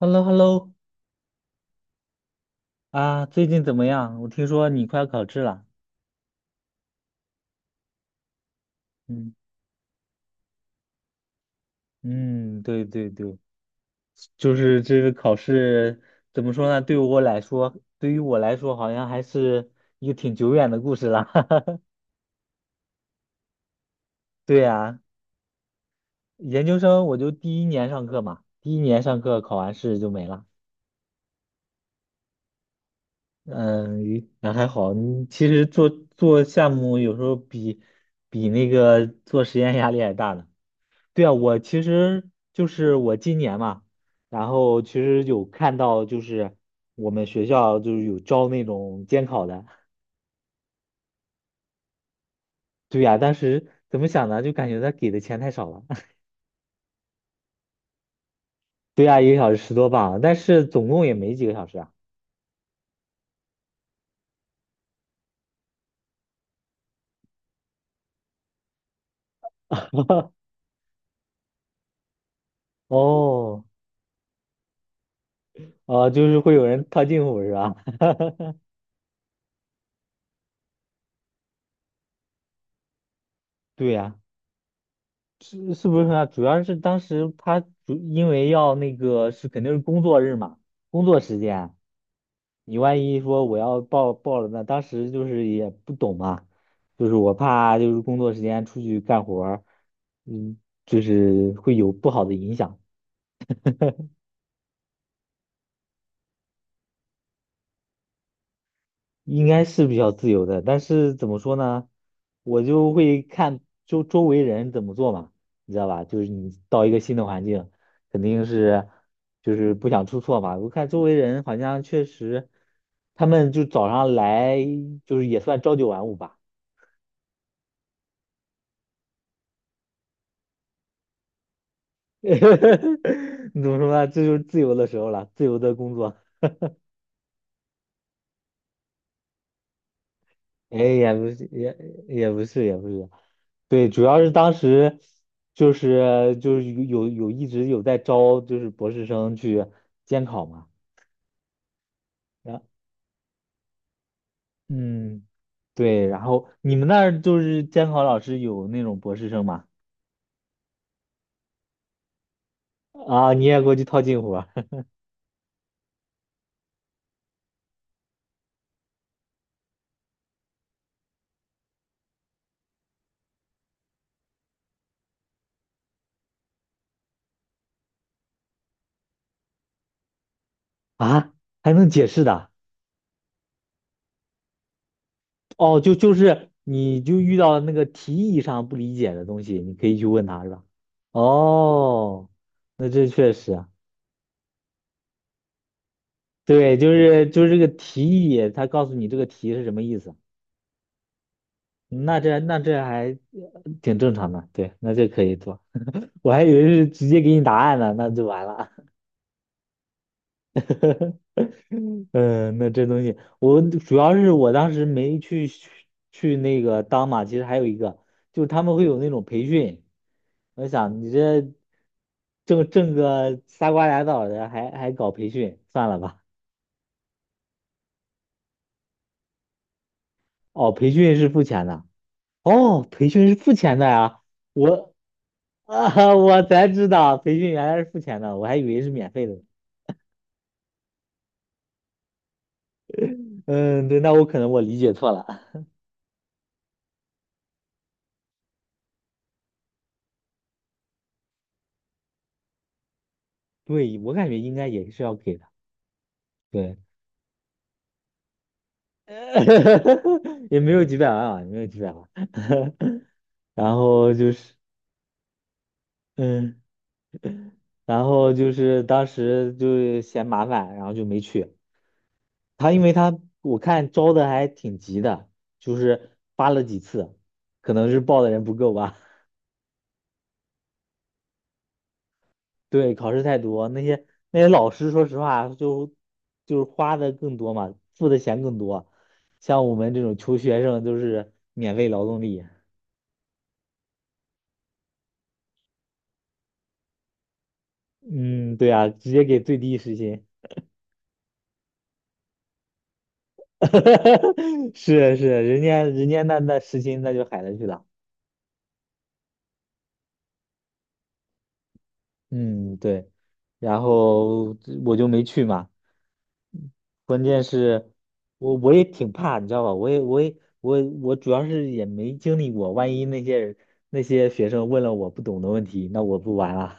h e l l o h e l l o 啊，最近怎么样？我听说你快要考试了。嗯嗯，对对对，就是这个考试怎么说呢？对我来说，对于我来说，好像还是一个挺久远的故事了。对呀，研究生我就第一年上课嘛，第一年上课考完试就没了。嗯，那还好。你其实做项目有时候比那个做实验压力还大呢。对啊，我其实就是我今年嘛，然后其实有看到就是我们学校就是有招那种监考的，对呀，当时怎么想呢？就感觉他给的钱太少了，对呀，一个小时10多磅，但是总共也没几个小时啊。哦，就是会有人套近乎是吧？对呀，是是不是啊？主要是当时他主因为要那个是肯定是工作日嘛，工作时间。你万一说我要报了那当时就是也不懂嘛，就是我怕就是工作时间出去干活儿，嗯，就是会有不好的影响。应该是比较自由的，但是怎么说呢，我就会看周围人怎么做嘛，你知道吧？就是你到一个新的环境，肯定是就是不想出错嘛。我看周围人好像确实，他们就早上来就是也算朝九晚五吧。你怎么说呢？这就是自由的时候了，自由的工作。哎，也不是，也不是，也不是。对，主要是当时就是有有有一直有在招，就是博士生去监考嘛。然嗯，对，然后你们那儿就是监考老师有那种博士生吗？啊，你也过去套近乎啊，啊还能解释的？哦，就是你就遇到了那个题意上不理解的东西，你可以去问他，是吧？哦，那这确实啊，对，就是这个题意，他告诉你这个题是什么意思，那这还挺正常的，对，那这可以做。我还以为是直接给你答案呢，那就完了。嗯，那这东西，我主要是我当时没去那个当嘛，其实还有一个，就是他们会有那种培训，我想你这挣个仨瓜俩枣的，还搞培训，算了吧。哦，培训是付钱的，哦，培训是付钱的呀，我 啊，我才知道培训原来是付钱的，我还以为是免费的。嗯，对，那我可能我理解错了，对，我感觉应该也是要给的，对。也没有几百万啊，也没有几百万。然后就是，嗯，然后就是当时就嫌麻烦，然后就没去。他因为他我看招的还挺急的，就是发了几次，可能是报的人不够吧。对，考试太多，那些老师说实话就是花的更多嘛，付的钱更多。像我们这种穷学生都是免费劳动力。嗯，对啊，直接给最低时薪。是是，人家那实心那就海了去了，嗯对，然后我就没去嘛，是，我也挺怕，你知道吧？我主要是也没经历过，万一那些学生问了我不懂的问题，那我不玩了。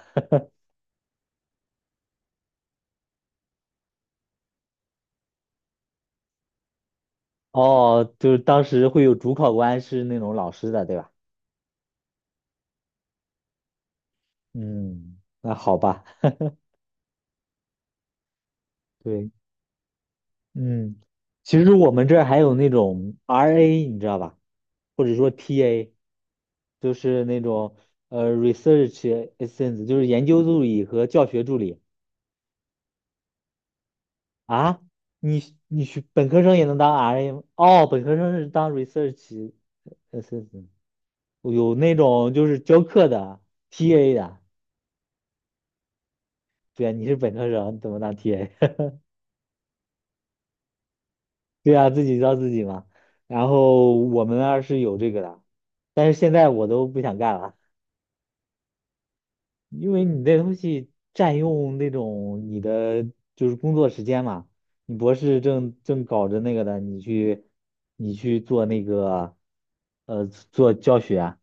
哦，就是当时会有主考官是那种老师的，对吧？嗯，那好吧，对，嗯，其实我们这儿还有那种 RA，你知道吧？或者说 TA。就是那种research assistant，就是研究助理和教学助理啊。你学本科生也能当 RM 哦，本科生是当 research assistant，有那种就是教课的 TA 的。对啊，你是本科生，你怎么当 TA？对啊，自己教自己嘛。然后我们那儿是有这个的，但是现在我都不想干了。因为你那东西占用那种你的就是工作时间嘛，你博士正搞着那个的，你去做那个做教学啊，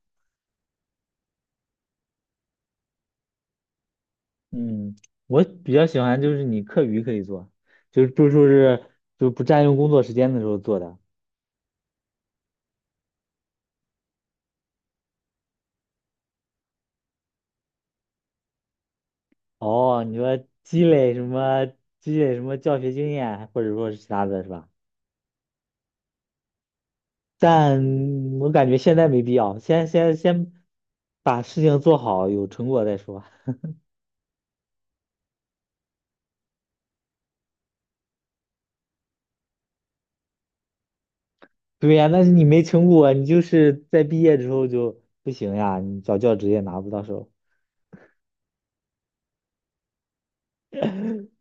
嗯，我比较喜欢就是你课余可以做，就是就说是就不占用工作时间的时候做的。哦，你说积累什么积累什么教学经验啊，或者说是其他的是吧？但我感觉现在没必要，先把事情做好，有成果再说。对呀，但是你没成果，你就是在毕业之后就不行呀，你找教职也拿不到手，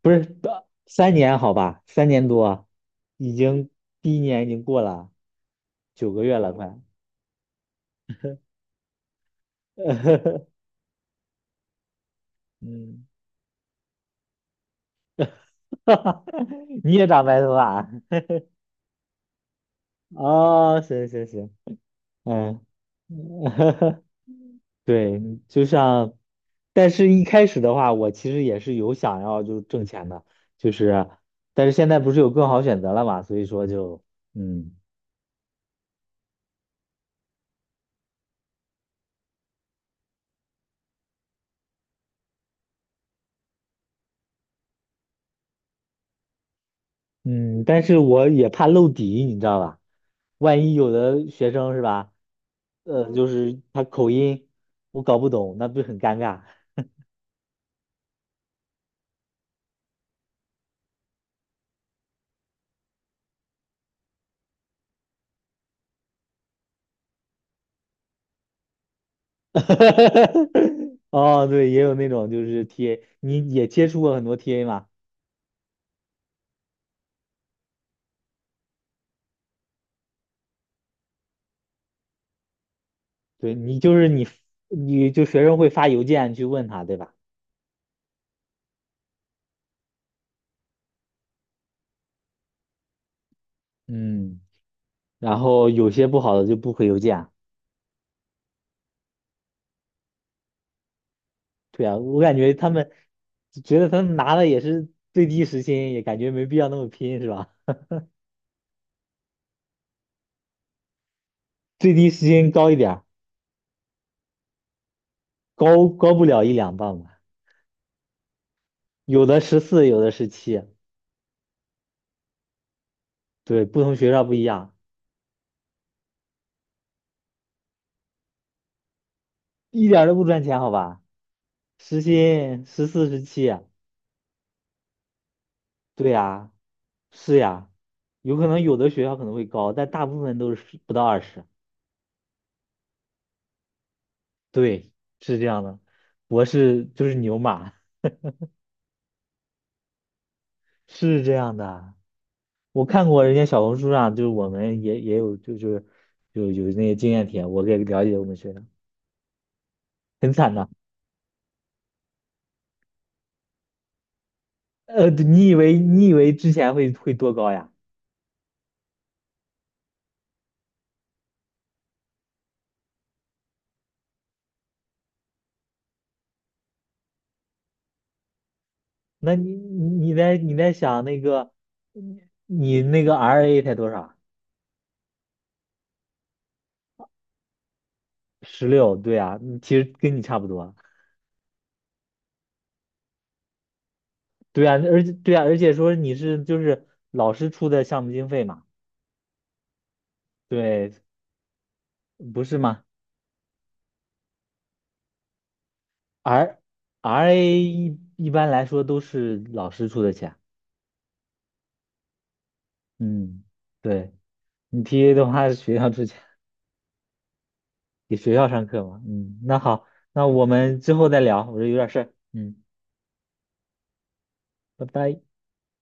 不是，三年好吧，3年多，已经第一年已经过了9个月了，快，嗯，你也长白头发啊 哦，行行行，嗯，对，就像，但是一开始的话，我其实也是有想要就挣钱的，就是，但是现在不是有更好选择了嘛，所以说就，嗯嗯，但是我也怕露底，你知道吧？万一有的学生是吧，就是他口音我搞不懂，那不是很尴尬？哦，对，也有那种就是 TA，你也接触过很多 TA 嘛？对，你就是你，你就学生会发邮件去问他，对吧？嗯。然后有些不好的就不回邮件啊对啊，我感觉他们觉得他们拿的也是最低时薪，也感觉没必要那么拼，是吧？最低时薪高一点儿，高不了一两磅吧，有的十四，有的十七，对，不同学校不一样，一点儿都不赚钱，好吧？时薪十四、十七啊，对呀，是呀，有可能有的学校可能会高，但大部分都是不到20，对，是这样的，博士就是牛马，是这样的。我看过人家小红书上，就是我们也有，就是有那些经验帖，我给了解我们学生，很惨的。你以为之前会多高呀？那你在想那个你你那个 RA 才多少？16，对呀，嗯其实跟你差不多。对呀，而且对啊，而且说你是就是老师出的项目经费嘛，对，不是吗？R RA 一般来说都是老师出的钱，嗯。对。你 TA 的话，学校出去给学校上课嘛？嗯，那好，那我们之后再聊，我这有点事儿。嗯，拜拜。